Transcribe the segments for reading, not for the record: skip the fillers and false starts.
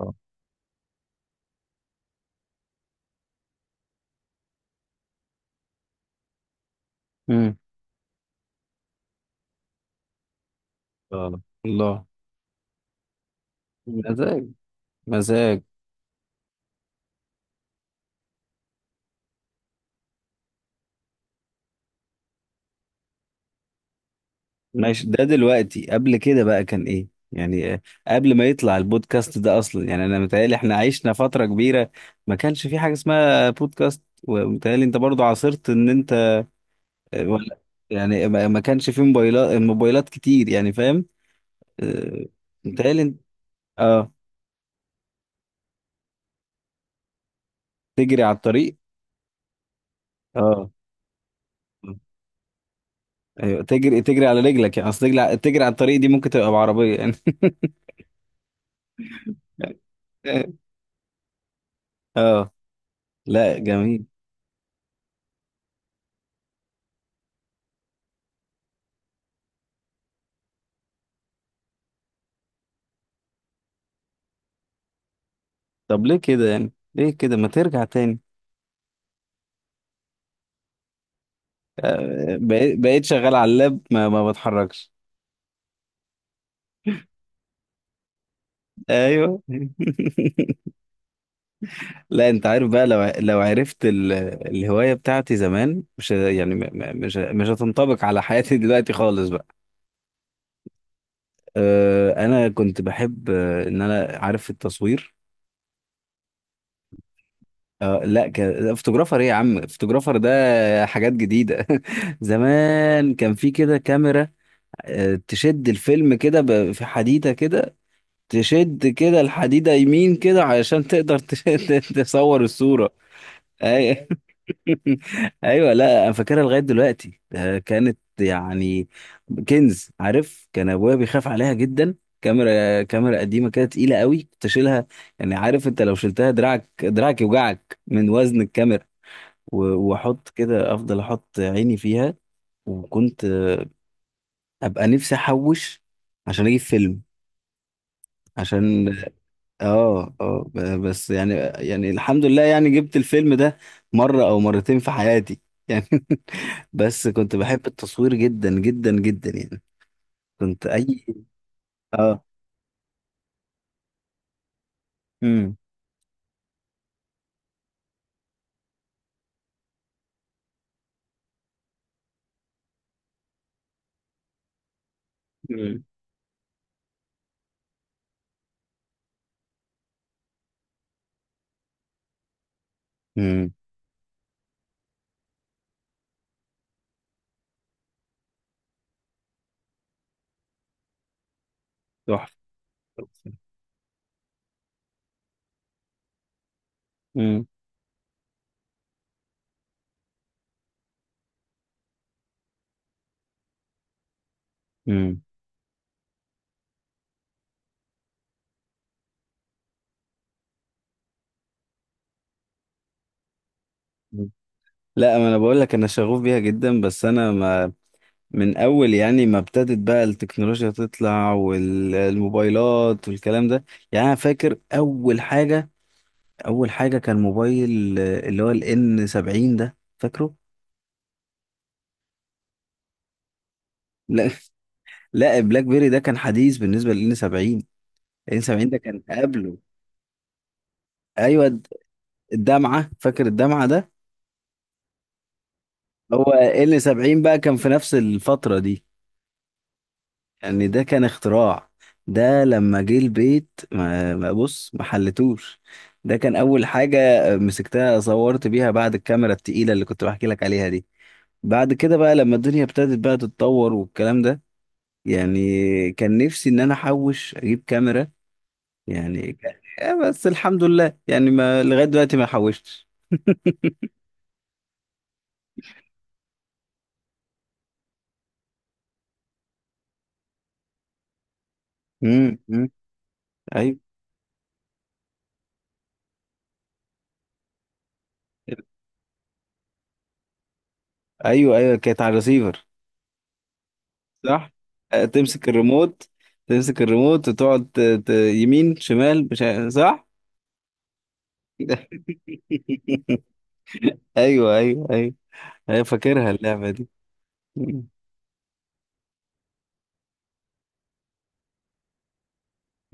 آه. امم آه. الله. مزاج، مزاج. ماشي، ده دلوقتي قبل كده بقى كان ايه يعني؟ قبل ما يطلع البودكاست ده اصلا، يعني انا متهيألي احنا عشنا فترة كبيرة ما كانش في حاجة اسمها بودكاست، ومتهيألي انت برضو عاصرت ان انت ولا؟ يعني ما كانش في موبايلات كتير يعني، فاهم؟ آه، متهيألي انت- اه، تجري على الطريق. اه، ايوه تجري، على رجلك يعني؟ اصل تجري على الطريق دي ممكن تبقى بعربية يعني. اه، لا جميل. طب ليه كده يعني؟ ليه كده ما ترجع تاني؟ بقيت، شغال على اللاب، ما بتحركش. ايوه. لا انت عارف بقى، لو لو عرفت الهوايه بتاعتي زمان، مش ه- يعني م- م- مش ه- مش هتنطبق على حياتي دلوقتي خالص بقى. انا كنت بحب، ان انا عارف، التصوير. آه لا ك... فوتوغرافر ايه يا عم؟ فوتوغرافر ده حاجات جديده. زمان كان في كده كاميرا، تشد الفيلم كده في حديده كده، تشد كده الحديدة يمين كده علشان تقدر تشد تصور الصورة. أي... ايوه، لا انا فاكرها لغاية دلوقتي. ده كانت يعني كنز، عارف؟ كان ابويا بيخاف عليها جدا. كاميرا قديمة كده تقيلة قوي، كنت اشيلها يعني، عارف انت، لو شلتها دراعك، يوجعك من وزن الكاميرا. و- واحط كده، افضل احط عيني فيها. وكنت ابقى نفسي احوش عشان اجيب فيلم، عشان اه اه ب- بس يعني، يعني الحمد لله يعني، جبت الفيلم ده مرة او مرتين في حياتي يعني. بس كنت بحب التصوير جدا جدا جدا يعني. كنت اي اه. امم، امم، امم. تحفة. امم، امم. لا ما انا بقول لك، انا شغوف بيها جدا، بس انا ما، من اول يعني ما ابتدت بقى التكنولوجيا تطلع والموبايلات والكلام ده. يعني انا فاكر اول حاجة، اول حاجه كان موبايل، اللي هو الان 70، ده فاكره. لا. لا بلاك بيري ده كان حديث بالنسبه للان 70. الان 70 ده كان قبله. ايوه، الدمعه، فاكر الدمعه ده؟ هو ان 70 بقى كان في نفس الفتره دي. يعني ده كان اختراع. ده لما جه البيت، بص، ما حلتوش. ده كان اول حاجه مسكتها صورت بيها بعد الكاميرا التقيله اللي كنت بحكي لك عليها دي. بعد كده بقى لما الدنيا ابتدت بقى تتطور والكلام ده، يعني كان نفسي ان انا احوش اجيب كاميرا. يعني كان... بس الحمد لله، يعني ما لغايه دلوقتي ما حوشتش. امم، أمم. ايوه، ايوه، ايوه كانت على الريسيفر. صح، تمسك الريموت، وتقعد يمين شمال مش عارف- صح. ايوه، ايوه، ايوه. ايوه فاكرها اللعبه دي. أمم.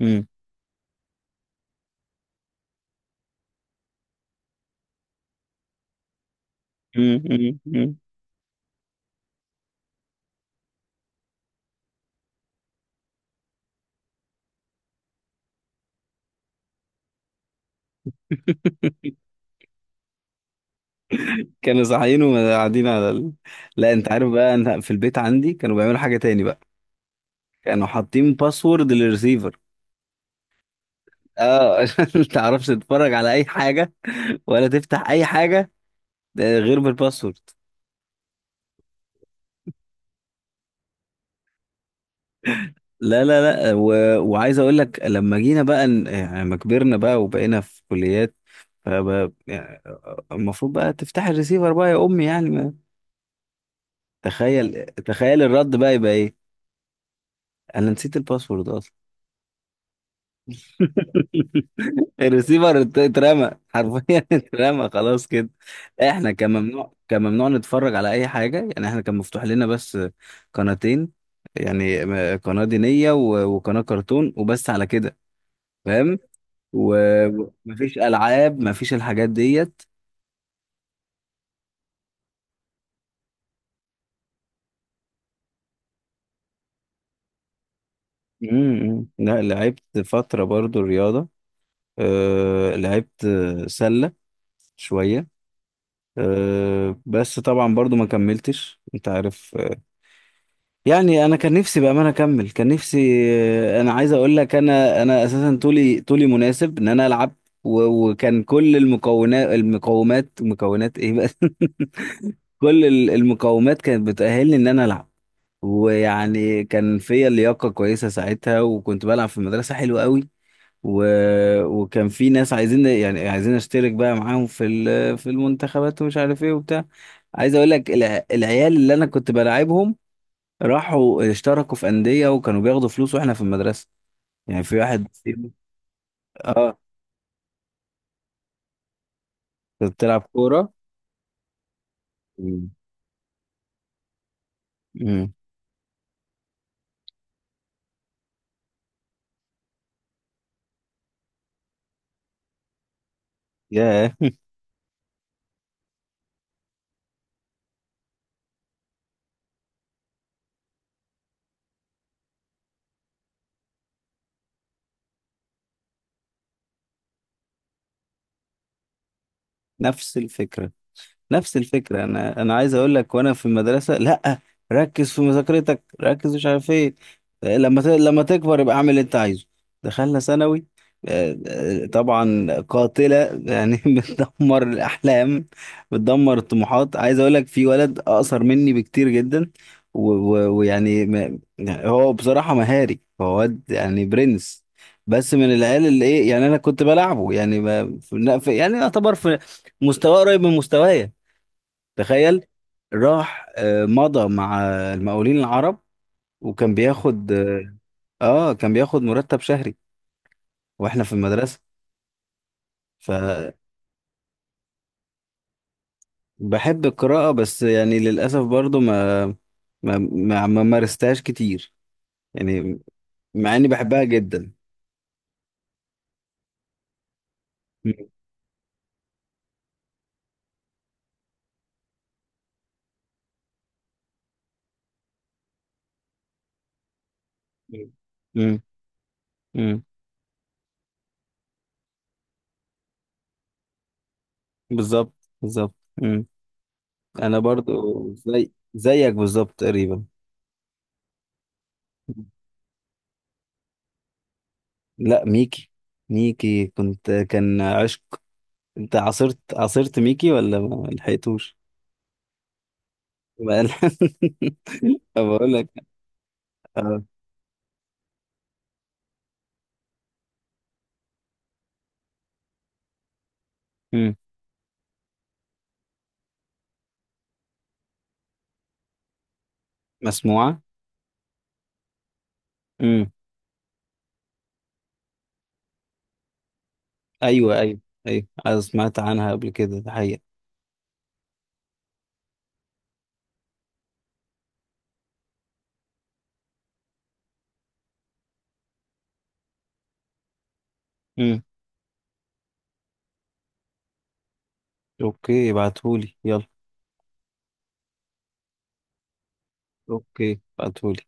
أمم. أمم. أمم. أمم. كانوا صاحيين وقاعدين على لا انت عارف بقى، انا في البيت عندي كانوا بيعملوا حاجه تاني بقى. كانوا حاطين باسورد للريسيفر. اه عشان ما تعرفش تتفرج على اي حاجه، ولا تفتح اي حاجه، ده غير بالباسورد. لا لا لا، وعايز اقول لك، لما جينا بقى يعني لما كبرنا بقى وبقينا في كليات، فبقى يعني المفروض بقى تفتح الريسيفر بقى يا امي، يعني ما... تخيل، الرد بقى يبقى ايه؟ انا نسيت الباسورد اصلا. الريسيفر اترمى حرفيا، اترمى خلاص كده. احنا كان ممنوع، نتفرج على اي حاجه. يعني احنا كان مفتوح لنا بس قناتين، يعني قناه دينيه، وقناه كرتون، وبس على كده. فاهم؟ ومفيش العاب، مفيش الحاجات ديت. امم. لا لعبت فتره برضو رياضه، أه لعبت سله شويه. أه بس طبعا برضو ما كملتش، انت عارف يعني. انا كان نفسي بامانه اكمل، كان نفسي. انا عايز اقول لك، انا اساسا طولي، مناسب ان انا العب. وكان كل المكونات، المقومات، مكونات ايه بقى؟ كل المقومات كانت بتأهلني ان انا العب. ويعني كان فيا لياقه كويسه ساعتها، وكنت بلعب في المدرسه حلو قوي. و... وكان في ناس عايزين، يعني عايزين اشترك بقى معاهم في في المنتخبات ومش عارف ايه وبتاع. عايز اقول لك العيال اللي انا كنت بلاعبهم، راحوا اشتركوا في أندية وكانوا بياخدوا فلوس، واحنا في المدرسة. يعني في واحد فيهم- اه كنت بتلعب كورة. مم. مم. ياه. نفس الفكرة، نفس الفكرة. أنا، عايز أقول لك، وأنا في المدرسة، لأ، ركز في مذاكرتك، مش عارف إيه، لما تكبر يبقى اعمل اللي أنت عايزه. دخلنا ثانوي، طبعا قاتلة يعني. بتدمر الأحلام، بتدمر الطموحات. عايز أقول لك في ولد أقصر مني بكتير جدا، و- و- ويعني ما... يعني هو بصراحة مهاري، هو واد يعني برنس، بس من العيال اللي إيه، يعني أنا كنت بلعبه يعني، ما... في... يعني يعتبر في مستواه قريب من مستوايا. تخيل، راح مضى مع المقاولين العرب، وكان بياخد اه كان بياخد مرتب شهري، واحنا في المدرسة. فبحب القراءة، بس يعني للأسف برضو ما مارستهاش كتير، يعني، مع اني بحبها جدا. م- م- م- م. بالظبط، بالظبط. م. انا برضو زي زيك بالظبط تقريبا. لا ميكي، ميكي كنت كان عشق. انت عاصرت، ميكي ولا ما لحقتوش؟ بقى لا. طب اقول لك. اه. مم. مسموعة. امم. ايوه، ايوه، ايوه أنا سمعت عنها قبل كده، ده حقيقة. امم. اوكي ابعتهولي يلا، اوكي ابعتهولي.